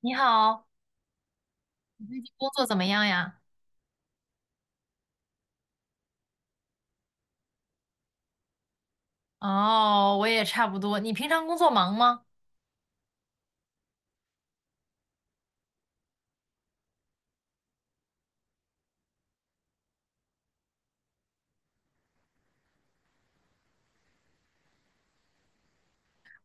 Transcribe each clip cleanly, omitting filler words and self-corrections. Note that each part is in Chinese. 你好，你最近工作怎么样呀？哦，我也差不多。你平常工作忙吗？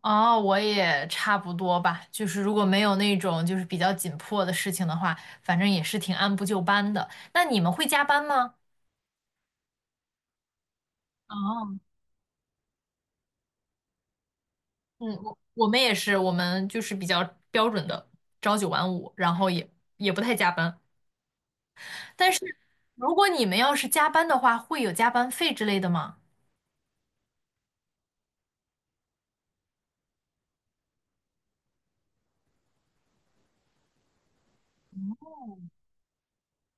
哦，我也差不多吧。就是如果没有那种就是比较紧迫的事情的话，反正也是挺按部就班的。那你们会加班吗？哦，嗯，我们也是，我们就是比较标准的朝九晚五，然后也不太加班。但是如果你们要是加班的话，会有加班费之类的吗？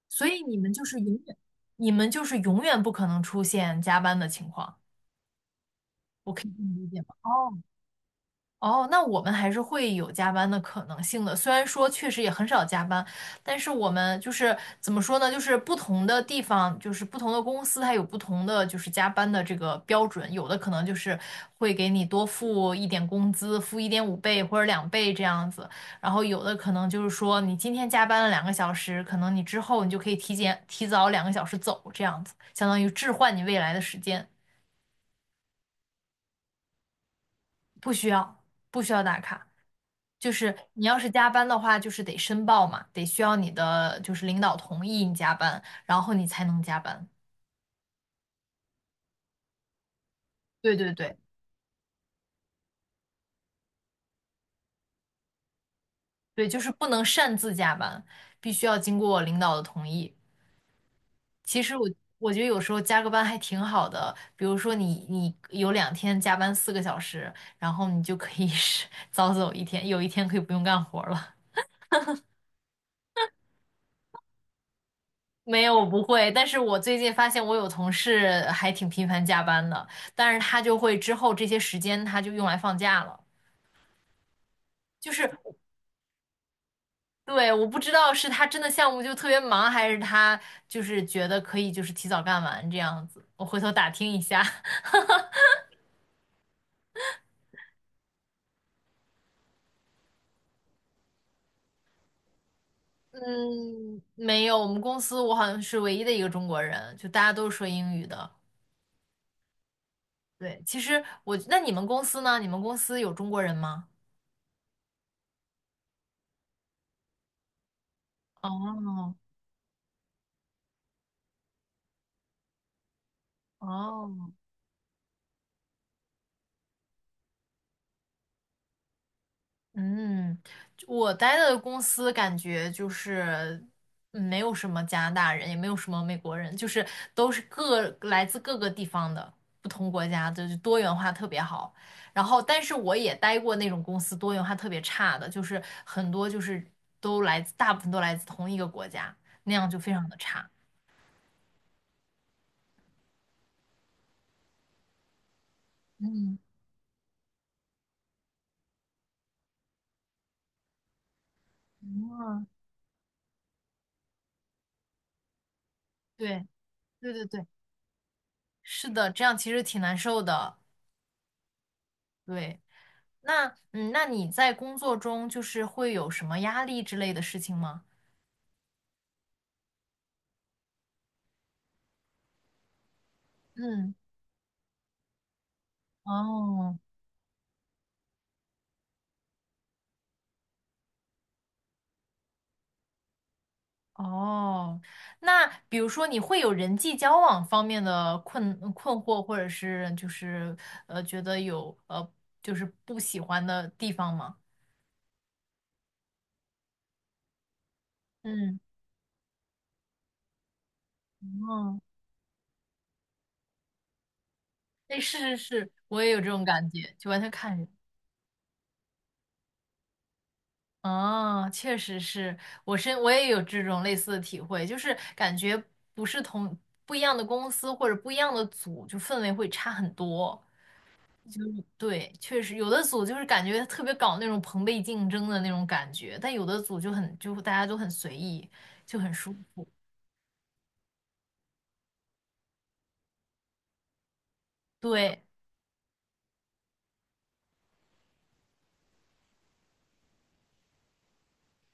所以你们就是永远，你们就是永远不可能出现加班的情况，我可以这么理解吗？哦，哦，那我们还是会有加班的可能性的。虽然说确实也很少加班，但是我们就是怎么说呢？就是不同的地方，就是不同的公司，它有不同的就是加班的这个标准。有的可能就是会给你多付一点工资，付1.5倍或者2倍这样子。然后有的可能就是说你今天加班了两个小时，可能你之后你就可以提早两个小时走，这样子，相当于置换你未来的时间，不需要不需要打卡。就是你要是加班的话，就是得申报嘛，得需要你的就是领导同意你加班，然后你才能加班。对对对对，就是不能擅自加班，必须要经过领导的同意。其实我觉得有时候加个班还挺好的，比如说你有2天加班4个小时，然后你就可以是 早走一天，有一天可以不用干活了。没有，我不会，但是我最近发现我有同事还挺频繁加班的，但是他就会之后这些时间他就用来放假了。就是对，我不知道是他真的项目就特别忙，还是他就是觉得可以就是提早干完这样子。我回头打听一下。嗯，没有，我们公司我好像是唯一的一个中国人，就大家都是说英语的。对，其实我，那你们公司呢？你们公司有中国人吗？哦哦，嗯，我待的公司感觉就是没有什么加拿大人，也没有什么美国人，就是都是各来自各个地方的不同国家的，就多元化特别好。然后，但是我也待过那种公司多元化特别差的，就是很多就是都来自，大部分都来自同一个国家，那样就非常的差。嗯，嗯，对，对对对，是的，这样其实挺难受的。对。那嗯，那你在工作中就是会有什么压力之类的事情吗？嗯，哦哦，那比如说你会有人际交往方面的困惑，或者是就是觉得有就是不喜欢的地方吗？嗯，哦，哎，是是是，我也有这种感觉，就完全看人。哦，确实是，我也有这种类似的体会，就是感觉不是同不一样的公司或者不一样的组，就氛围会差很多。对，确实有的组就是感觉特别搞那种朋辈竞争的那种感觉，但有的组就很就大家都很随意，就很舒服。对，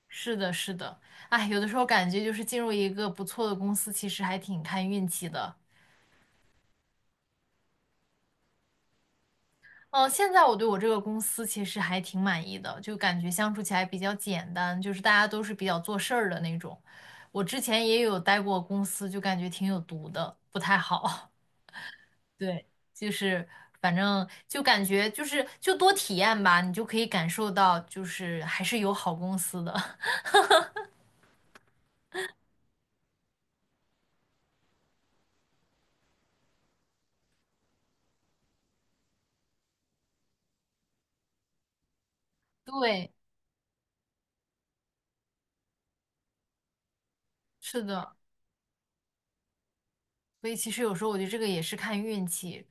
是的，是的，哎，有的时候感觉就是进入一个不错的公司，其实还挺看运气的。哦，现在我对我这个公司其实还挺满意的，就感觉相处起来比较简单，就是大家都是比较做事儿的那种。我之前也有待过公司，就感觉挺有毒的，不太好。对，就是反正就感觉就是就多体验吧，你就可以感受到就是还是有好公司的。对，是的。所以其实有时候我觉得这个也是看运气，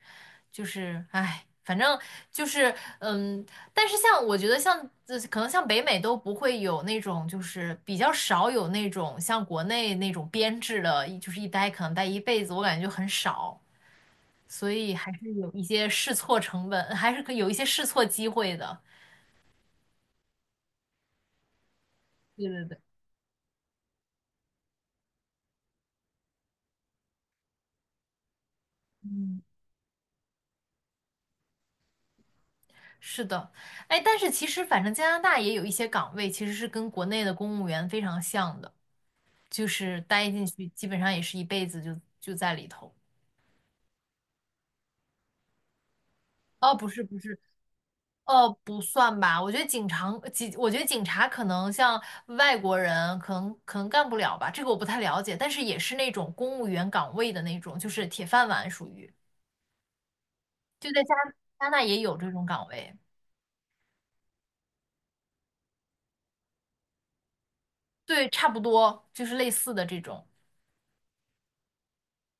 就是唉，反正就是但是像我觉得像可能像北美都不会有那种就是比较少有那种像国内那种编制的，就是一待可能待一辈子，我感觉就很少，所以还是有一些试错成本，还是可以有一些试错机会的。对对对，嗯，是的，哎，但是其实反正加拿大也有一些岗位其实是跟国内的公务员非常像的。就是待进去，基本上也是一辈子就在里头。哦，不是不是，哦，不算吧。我觉得警察，警，我觉得警察可能像外国人，可能干不了吧，这个我不太了解。但是也是那种公务员岗位的那种，就是铁饭碗属于。就在加加拿大也有这种岗位，对，差不多就是类似的这种，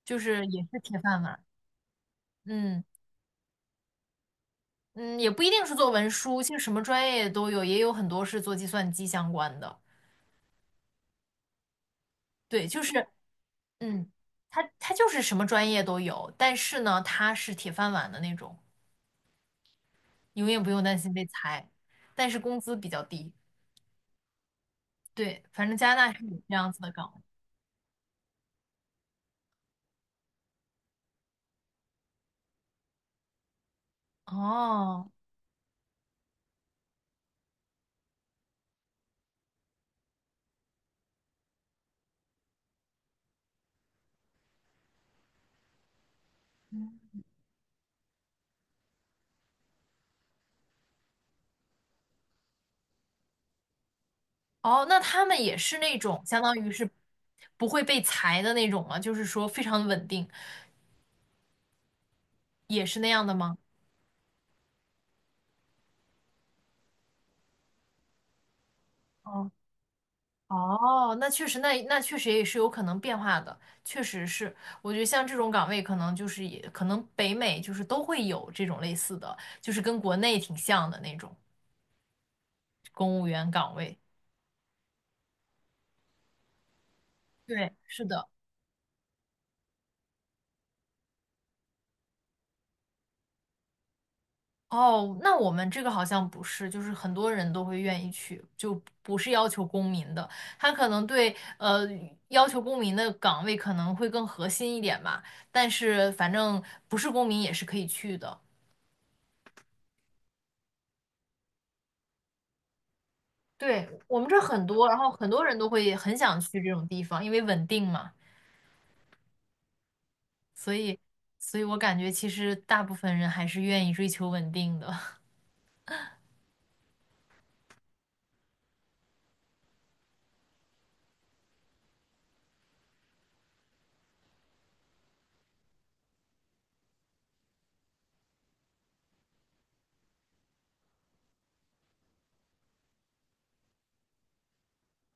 就是也是铁饭碗。嗯嗯，也不一定是做文书，其实什么专业都有，也有很多是做计算机相关的。对，就是。嗯，他就是什么专业都有，但是呢，他是铁饭碗的那种，永远不用担心被裁，但是工资比较低。对，反正加拿大是有这样子的岗位。哦哦，那他们也是那种相当于是不会被裁的那种吗？就是说非常稳定，也是那样的吗？哦哦，那确实，那那确实也是有可能变化的，确实是。我觉得像这种岗位，可能就是也可能北美就是都会有这种类似的，就是跟国内挺像的那种公务员岗位。对，是的。哦，那我们这个好像不是，就是很多人都会愿意去，就不是要求公民的，他可能对要求公民的岗位可能会更核心一点吧，但是反正不是公民也是可以去的。对，我们这儿很多，然后很多人都会很想去这种地方，因为稳定嘛，所以，所以我感觉其实大部分人还是愿意追求稳定的。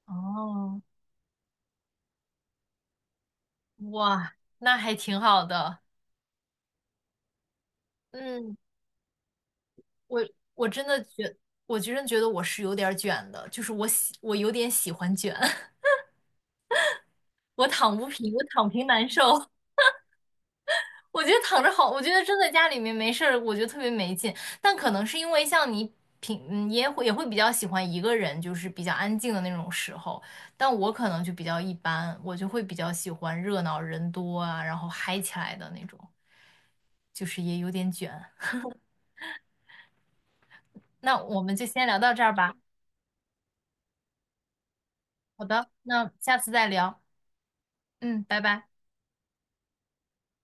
哦，哇，那还挺好的。嗯，我我真的觉，我真的觉得我是有点儿卷的，我有点喜欢卷，我躺不平，我躺平难受。我觉得躺着好，我觉得真的家里面没事儿，我觉得特别没劲。但可能是因为像你平，嗯，也会比较喜欢一个人，就是比较安静的那种时候。但我可能就比较一般，我就会比较喜欢热闹人多啊，然后嗨起来的那种，就是也有点卷。那我们就先聊到这儿吧。好的，那下次再聊。嗯，拜拜。